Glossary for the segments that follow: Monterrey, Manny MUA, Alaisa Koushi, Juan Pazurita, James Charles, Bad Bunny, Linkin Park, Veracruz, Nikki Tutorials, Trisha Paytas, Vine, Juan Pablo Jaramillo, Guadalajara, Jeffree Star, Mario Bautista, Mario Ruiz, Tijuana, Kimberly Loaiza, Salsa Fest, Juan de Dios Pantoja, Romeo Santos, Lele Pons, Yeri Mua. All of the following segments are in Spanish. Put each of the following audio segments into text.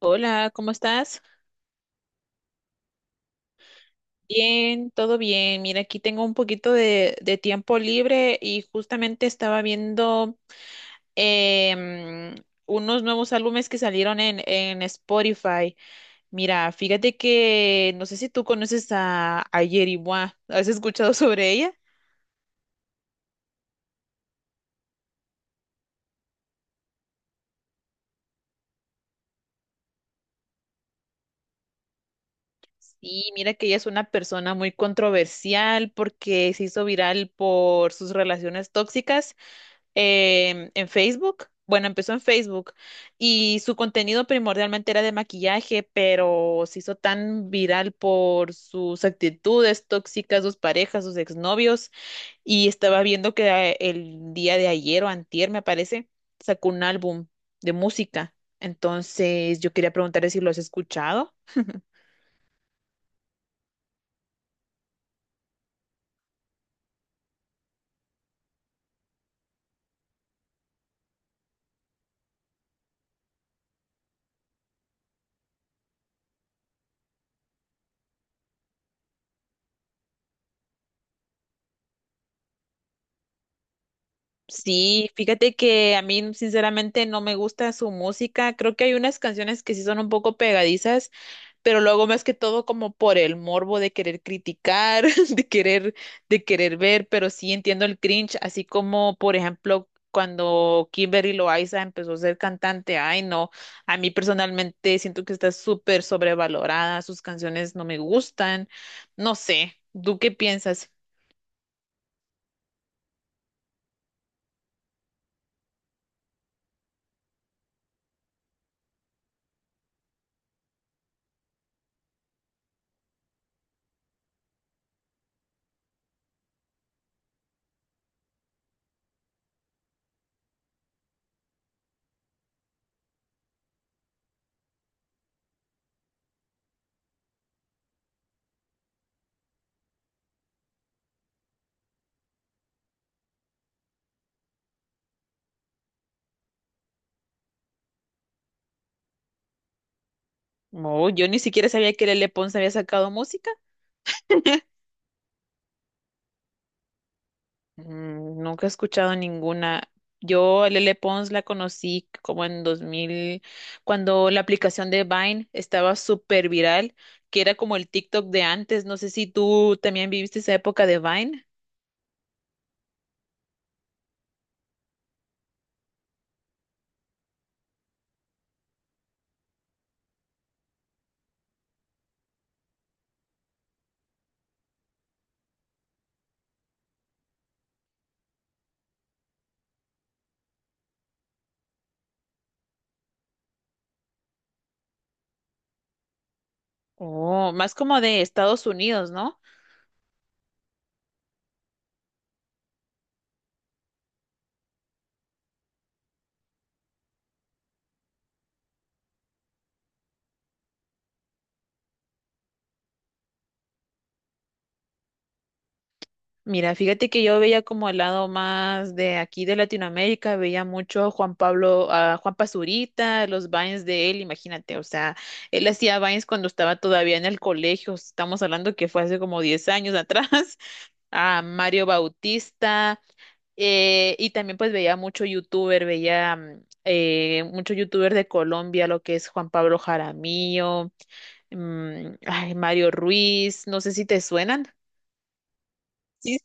Hola, ¿cómo estás? Bien, todo bien. Mira, aquí tengo un poquito de tiempo libre y justamente estaba viendo em, unos nuevos álbumes que salieron en Spotify. Mira, fíjate que no sé si tú conoces a Yeri Mua. ¿Has escuchado sobre ella? Sí, mira que ella es una persona muy controversial porque se hizo viral por sus relaciones tóxicas en Facebook. Bueno, empezó en Facebook y su contenido primordialmente era de maquillaje, pero se hizo tan viral por sus actitudes tóxicas, sus parejas, sus exnovios. Y estaba viendo que el día de ayer o antier, me parece, sacó un álbum de música. Entonces, yo quería preguntarle si lo has escuchado. Sí, fíjate que a mí sinceramente no me gusta su música. Creo que hay unas canciones que sí son un poco pegadizas, pero lo hago más que todo como por el morbo de querer criticar, de querer, de querer ver, pero sí entiendo el cringe, así como por ejemplo cuando Kimberly Loaiza empezó a ser cantante. Ay, no, a mí personalmente siento que está súper sobrevalorada, sus canciones no me gustan, no sé, ¿tú qué piensas? No, yo ni siquiera sabía que Lele Pons había sacado música. Mm, nunca he escuchado ninguna. Yo a Lele Pons la conocí como en dos mil, cuando la aplicación de Vine estaba súper viral, que era como el TikTok de antes. No sé si tú también viviste esa época de Vine. Oh, más como de Estados Unidos, ¿no? Mira, fíjate que yo veía como el lado más de aquí de Latinoamérica, veía mucho Juan Pablo, a Juan Pazurita, los Vines de él, imagínate, o sea, él hacía Vines cuando estaba todavía en el colegio, estamos hablando que fue hace como 10 años atrás, a Mario Bautista, y también pues veía mucho youtuber, veía mucho youtuber de Colombia, lo que es Juan Pablo Jaramillo, ay, Mario Ruiz, no sé si te suenan. Sí,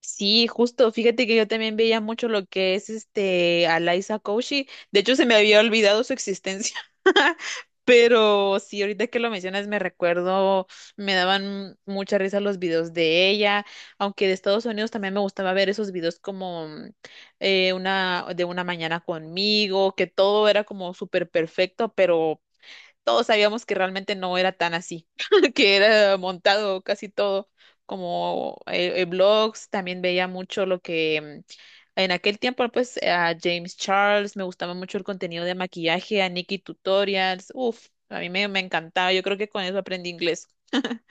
sí, justo, fíjate que yo también veía mucho lo que es este Alaisa Koushi. De hecho, se me había olvidado su existencia. Pero sí, ahorita que lo mencionas, me recuerdo, me daban mucha risa los videos de ella, aunque de Estados Unidos también me gustaba ver esos videos como una de una mañana conmigo, que todo era como súper perfecto, pero todos sabíamos que realmente no era tan así, que era montado casi todo, como blogs, también veía mucho lo que en aquel tiempo, pues a James Charles, me gustaba mucho el contenido de maquillaje, a Nikki Tutorials, uff, a me encantaba, yo creo que con eso aprendí inglés.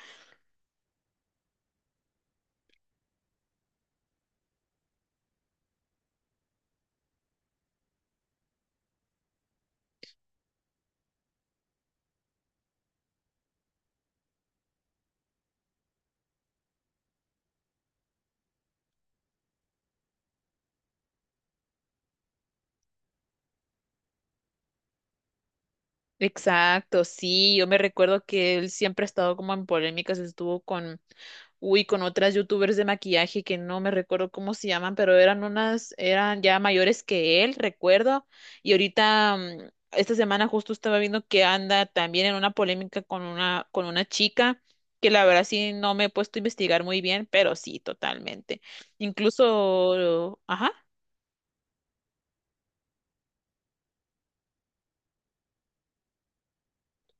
Exacto, sí, yo me recuerdo que él siempre ha estado como en polémicas, estuvo con uy, con otras youtubers de maquillaje que no me recuerdo cómo se llaman, pero eran unas, eran ya mayores que él, recuerdo. Y ahorita, esta semana justo estaba viendo que anda también en una polémica con una chica, que la verdad sí no me he puesto a investigar muy bien, pero sí, totalmente. Incluso, ajá.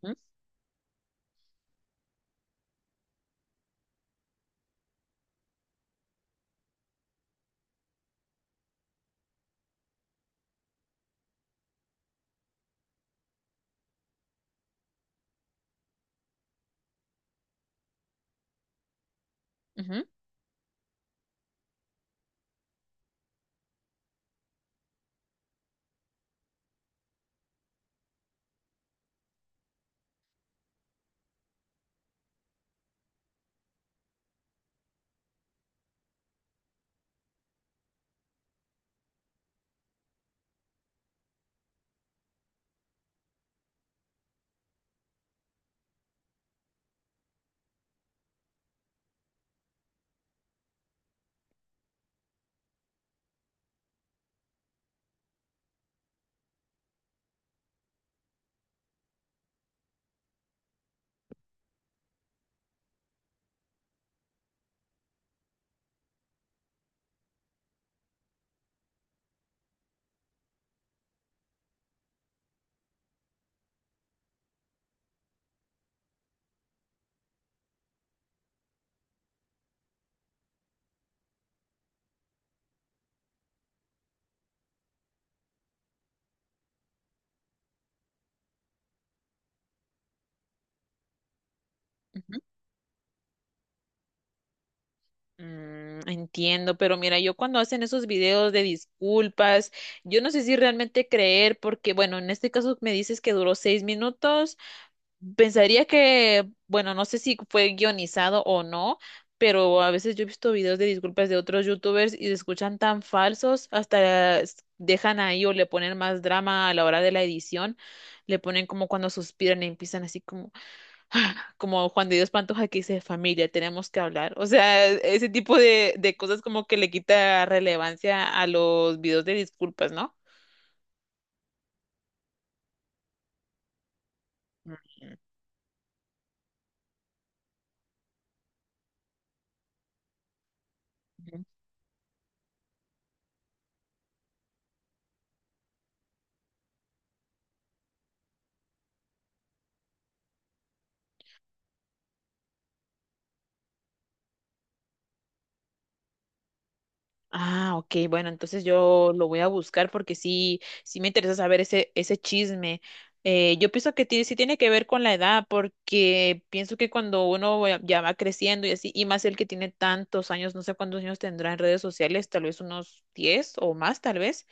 ¿Mm? Ujú, ujú. Mm, entiendo, pero mira, yo cuando hacen esos videos de disculpas, yo no sé si realmente creer, porque bueno, en este caso me dices que duró 6 minutos, pensaría que, bueno, no sé si fue guionizado o no, pero a veces yo he visto videos de disculpas de otros youtubers y se escuchan tan falsos, hasta s- dejan ahí o le ponen más drama a la hora de la edición, le ponen como cuando suspiran y empiezan así como... como Juan de Dios Pantoja que dice familia, tenemos que hablar. O sea, ese tipo de cosas como que le quita relevancia a los videos de disculpas, ¿no? Ujú. Ah, ok, bueno, entonces yo lo voy a buscar porque sí, sí me interesa saber ese, ese chisme. Yo pienso que tiene- sí tiene que ver con la edad, porque pienso que cuando uno ya va creciendo y así, y más el que tiene tantos años, no sé cuántos años tendrá en redes sociales, tal vez unos 10 o más, tal vez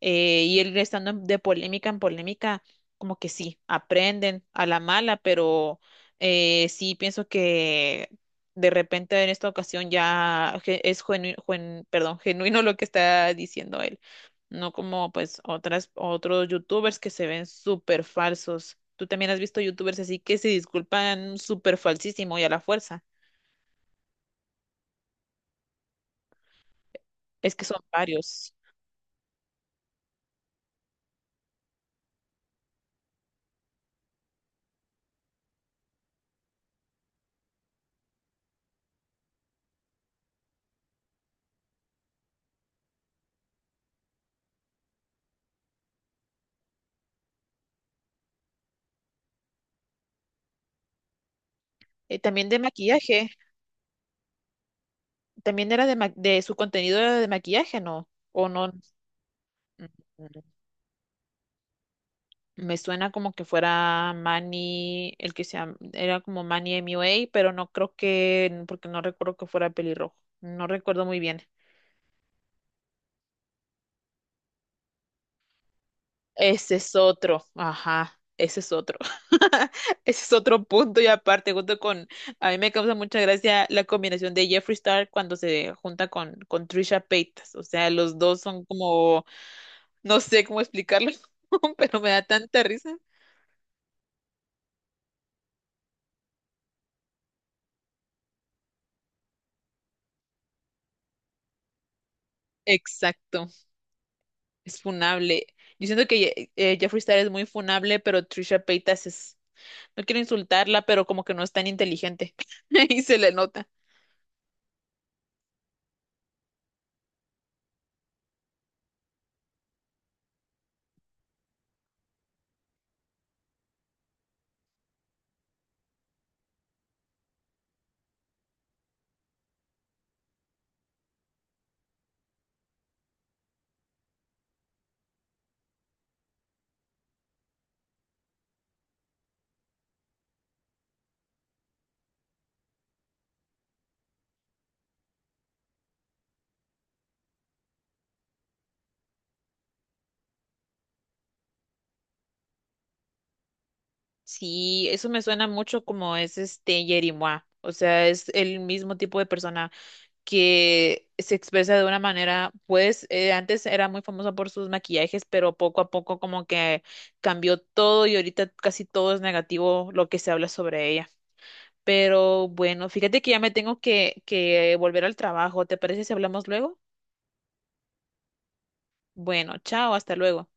y él estando en- de polémica en polémica, como que sí, aprenden a la mala, pero sí pienso que de repente en esta ocasión ya ge- es genuino, perdón, genuino lo que está diciendo él, no como pues otras, otros youtubers que se ven súper falsos. Tú también has visto youtubers así que se disculpan súper falsísimo y a la fuerza. Es que son varios. También de maquillaje, también era de, ma- de su contenido era de maquillaje, ¿no? ¿O no? Ujú. Me suena como que fuera Manny, el que sea, era como Manny MUA, pero no creo que, porque no recuerdo que fuera pelirrojo. No recuerdo muy bien. Ese es otro, ajá, ese es otro. Ese es otro punto y aparte, junto con, a mí me causa mucha gracia la combinación de Jeffree Star cuando se junta con Trisha Paytas. O sea, los dos son como, no sé cómo explicarlo, pero me da tanta risa. Exacto. Es funable. Yo siento que Jeffree Star es muy funable, pero Trisha Paytas es... No quiero insultarla, pero como que no es tan inteligente. Y se le nota. Sí, eso me suena mucho como es este Yeri Mua. O sea, es el mismo tipo de persona que se expresa de una manera, pues antes era muy famosa por sus maquillajes, pero poco a poco como que cambió todo y ahorita casi todo es negativo lo que se habla sobre ella. Pero bueno, fíjate que ya me tengo que volver al trabajo. ¿Te parece si hablamos luego? Bueno, chao, hasta luego.